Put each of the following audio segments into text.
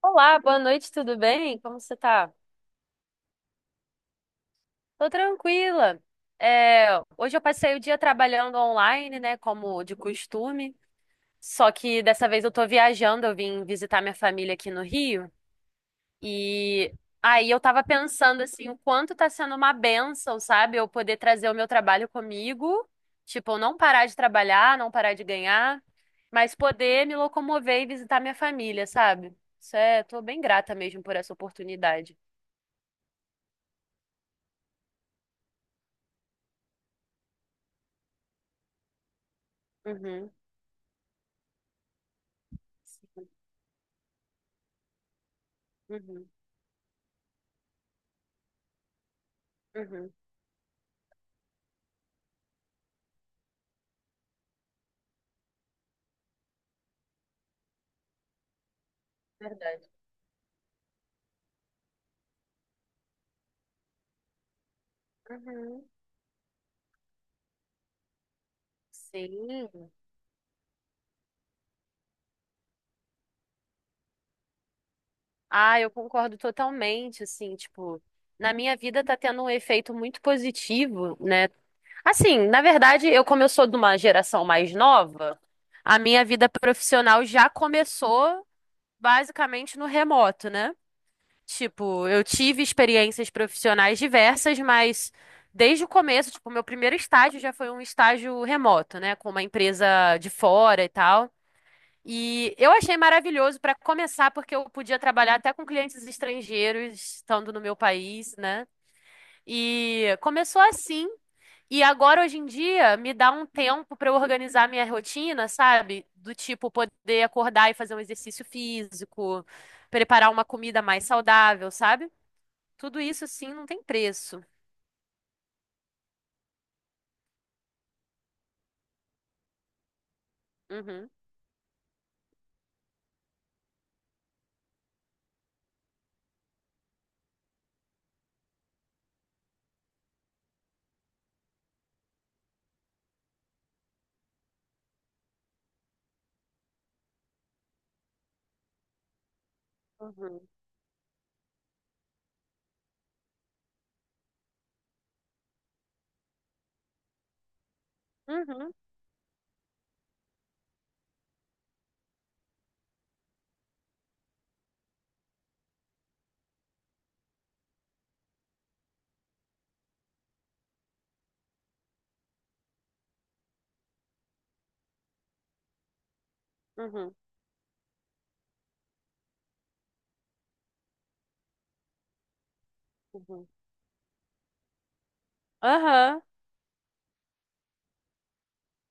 Olá, boa noite, tudo bem? Como você tá? Tô tranquila. É, Hoje eu passei o dia trabalhando online, né, como de costume. Só que dessa vez eu tô viajando, eu vim visitar minha família aqui no Rio. E aí eu tava pensando assim, o quanto tá sendo uma bênção, sabe? Eu poder trazer o meu trabalho comigo, tipo, eu não parar de trabalhar, não parar de ganhar, mas poder me locomover e visitar minha família, sabe? Isso é, tô bem grata mesmo por essa oportunidade. Uhum. Uhum, uhum, verdade. Uhum, sim. Ah, eu concordo totalmente, assim, tipo, na minha vida tá tendo um efeito muito positivo, né? Assim, na verdade, eu como eu sou de uma geração mais nova, a minha vida profissional já começou basicamente no remoto, né? Tipo, eu tive experiências profissionais diversas, mas desde o começo, tipo, meu primeiro estágio já foi um estágio remoto, né, com uma empresa de fora e tal. E eu achei maravilhoso para começar, porque eu podia trabalhar até com clientes estrangeiros, estando no meu país, né? E começou assim. E agora, hoje em dia, me dá um tempo para eu organizar minha rotina, sabe? Do tipo, poder acordar e fazer um exercício físico, preparar uma comida mais saudável, sabe? Tudo isso, sim, não tem preço. Uhum, uhum, uhum, uhum, uhum. Aham.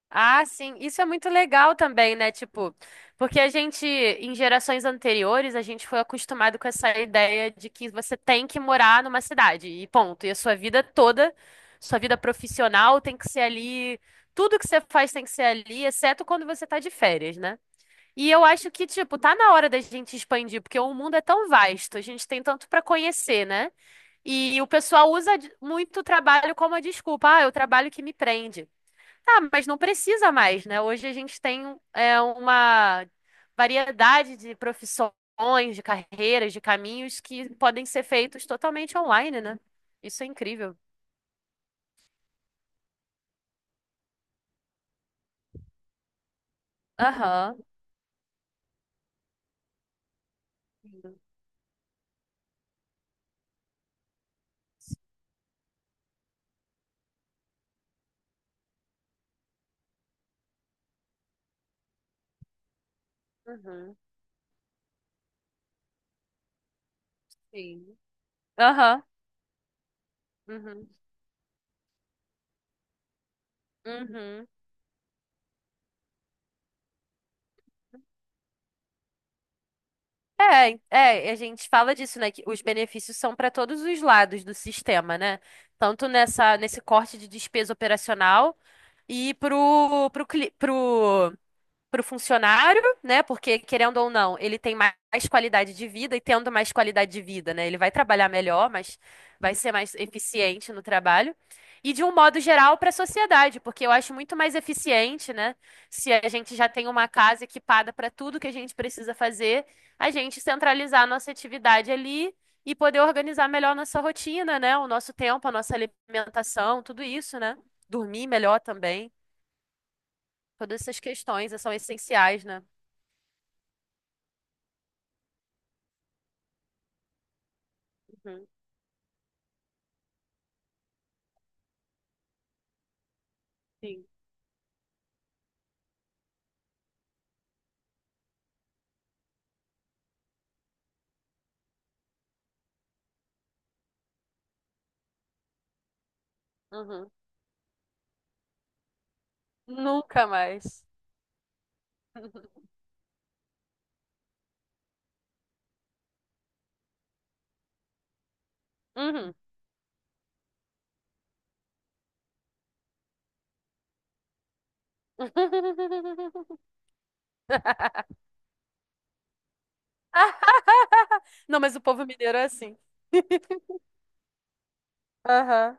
Ah, sim, isso é muito legal também, né? Tipo, porque a gente, em gerações anteriores, a gente foi acostumado com essa ideia de que você tem que morar numa cidade e ponto. E a sua vida toda, sua vida profissional tem que ser ali, tudo que você faz tem que ser ali, exceto quando você tá de férias, né? E eu acho que, tipo, tá na hora da gente expandir, porque o mundo é tão vasto, a gente tem tanto pra conhecer, né? E o pessoal usa muito o trabalho como a desculpa, ah, é o trabalho que me prende. Tá, mas não precisa mais, né? Hoje a gente tem uma variedade de profissões, de carreiras, de caminhos que podem ser feitos totalmente online, né? Isso é incrível. Aham. Uhum. Sim. Aham. Uhum. Uhum. É, é, a gente fala disso, né? Que os benefícios são para todos os lados do sistema, né? Tanto nesse corte de despesa operacional e pro, pro, cli- pro para o funcionário, né? Porque, querendo ou não, ele tem mais qualidade de vida e tendo mais qualidade de vida, né? Ele vai trabalhar melhor, mas vai ser mais eficiente no trabalho. E de um modo geral para a sociedade, porque eu acho muito mais eficiente, né? Se a gente já tem uma casa equipada para tudo que a gente precisa fazer, a gente centralizar a nossa atividade ali e poder organizar melhor a nossa rotina, né? O nosso tempo, a nossa alimentação, tudo isso, né? Dormir melhor também. Todas essas questões são essenciais, né? Sim. Uhum. Nunca mais. Uhum. Não, mas o povo mineiro é assim. Aham.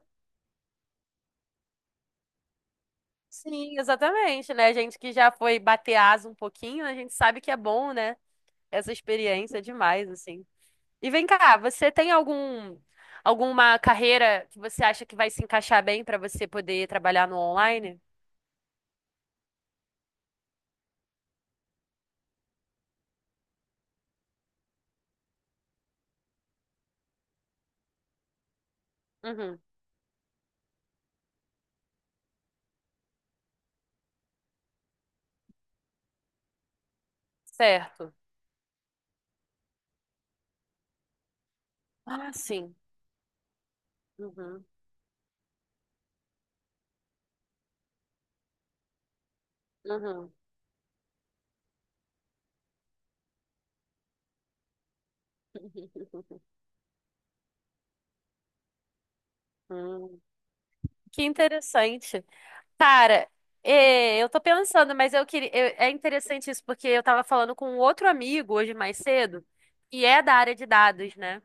Sim, exatamente, né? A gente que já foi bater asa um pouquinho, a gente sabe que é bom, né? Essa experiência é demais, assim. E vem cá, você tem alguma carreira que você acha que vai se encaixar bem para você poder trabalhar no online? Uhum, certo. Ah, sim. Uhum, uhum. Hum, que interessante. Cara, eu tô pensando, mas eu queria, é interessante isso, porque eu tava falando com um outro amigo hoje mais cedo, que é da área de dados, né?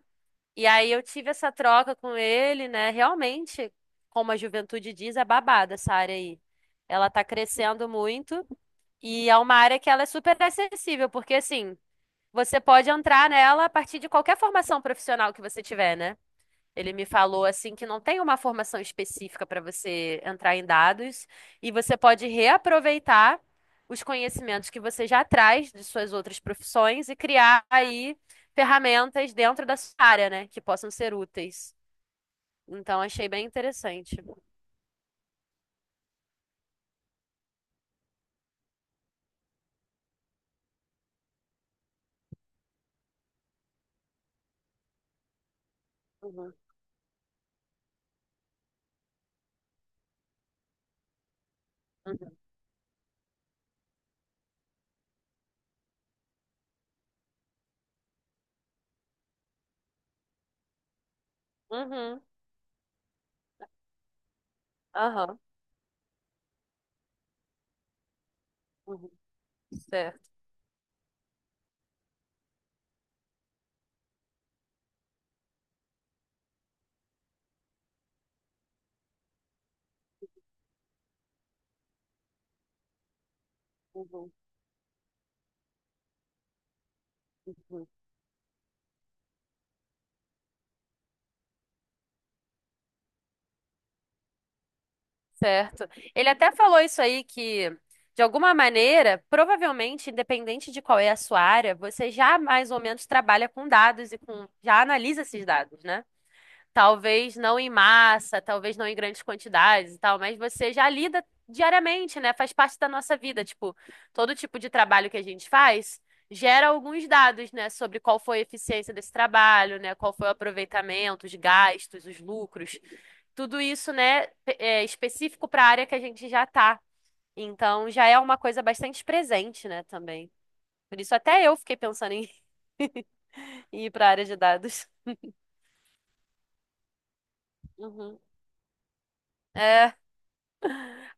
E aí eu tive essa troca com ele, né? Realmente, como a juventude diz, é babada essa área aí. Ela tá crescendo muito e é uma área que ela é super acessível, porque assim, você pode entrar nela a partir de qualquer formação profissional que você tiver, né? Ele me falou assim que não tem uma formação específica para você entrar em dados e você pode reaproveitar os conhecimentos que você já traz de suas outras profissões e criar aí ferramentas dentro da sua área, né, que possam ser úteis. Então achei bem interessante. Uhum, uhum, uhum, aham, uhum, certo. Uhum, uhum. Certo. Ele até falou isso aí que, de alguma maneira, provavelmente, independente de qual é a sua área, você já mais ou menos trabalha com dados e já analisa esses dados, né? Talvez não em massa, talvez não em grandes quantidades e tal, mas você já lida diariamente, né? Faz parte da nossa vida. Tipo, todo tipo de trabalho que a gente faz gera alguns dados, né? Sobre qual foi a eficiência desse trabalho, né? Qual foi o aproveitamento, os gastos, os lucros. Tudo isso, né? É específico para a área que a gente já tá. Então, já é uma coisa bastante presente, né? Também. Por isso, até eu fiquei pensando em em ir para a área de dados. Uhum. É.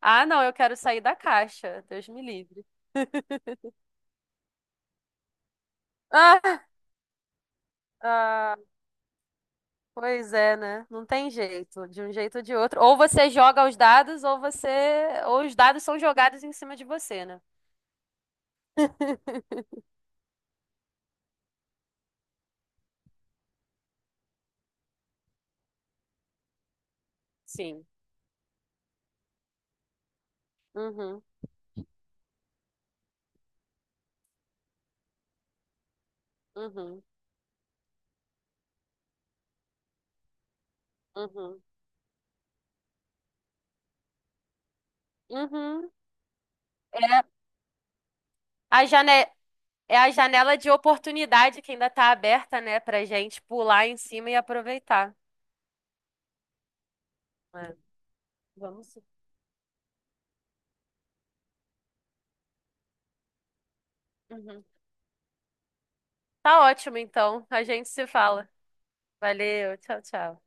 Ah, não, eu quero sair da caixa. Deus me livre. Ah, pois é, né? Não tem jeito. De um jeito ou de outro. Ou você joga os dados, ou você. Ou os dados são jogados em cima de você, né? Sim. Uhum, uhum, uhum, uhum. É A jane... É a janela de oportunidade que ainda tá aberta, né, pra gente pular em cima e aproveitar. É, vamos. Uhum. Tá ótimo, então. A gente se fala. Valeu, tchau, tchau.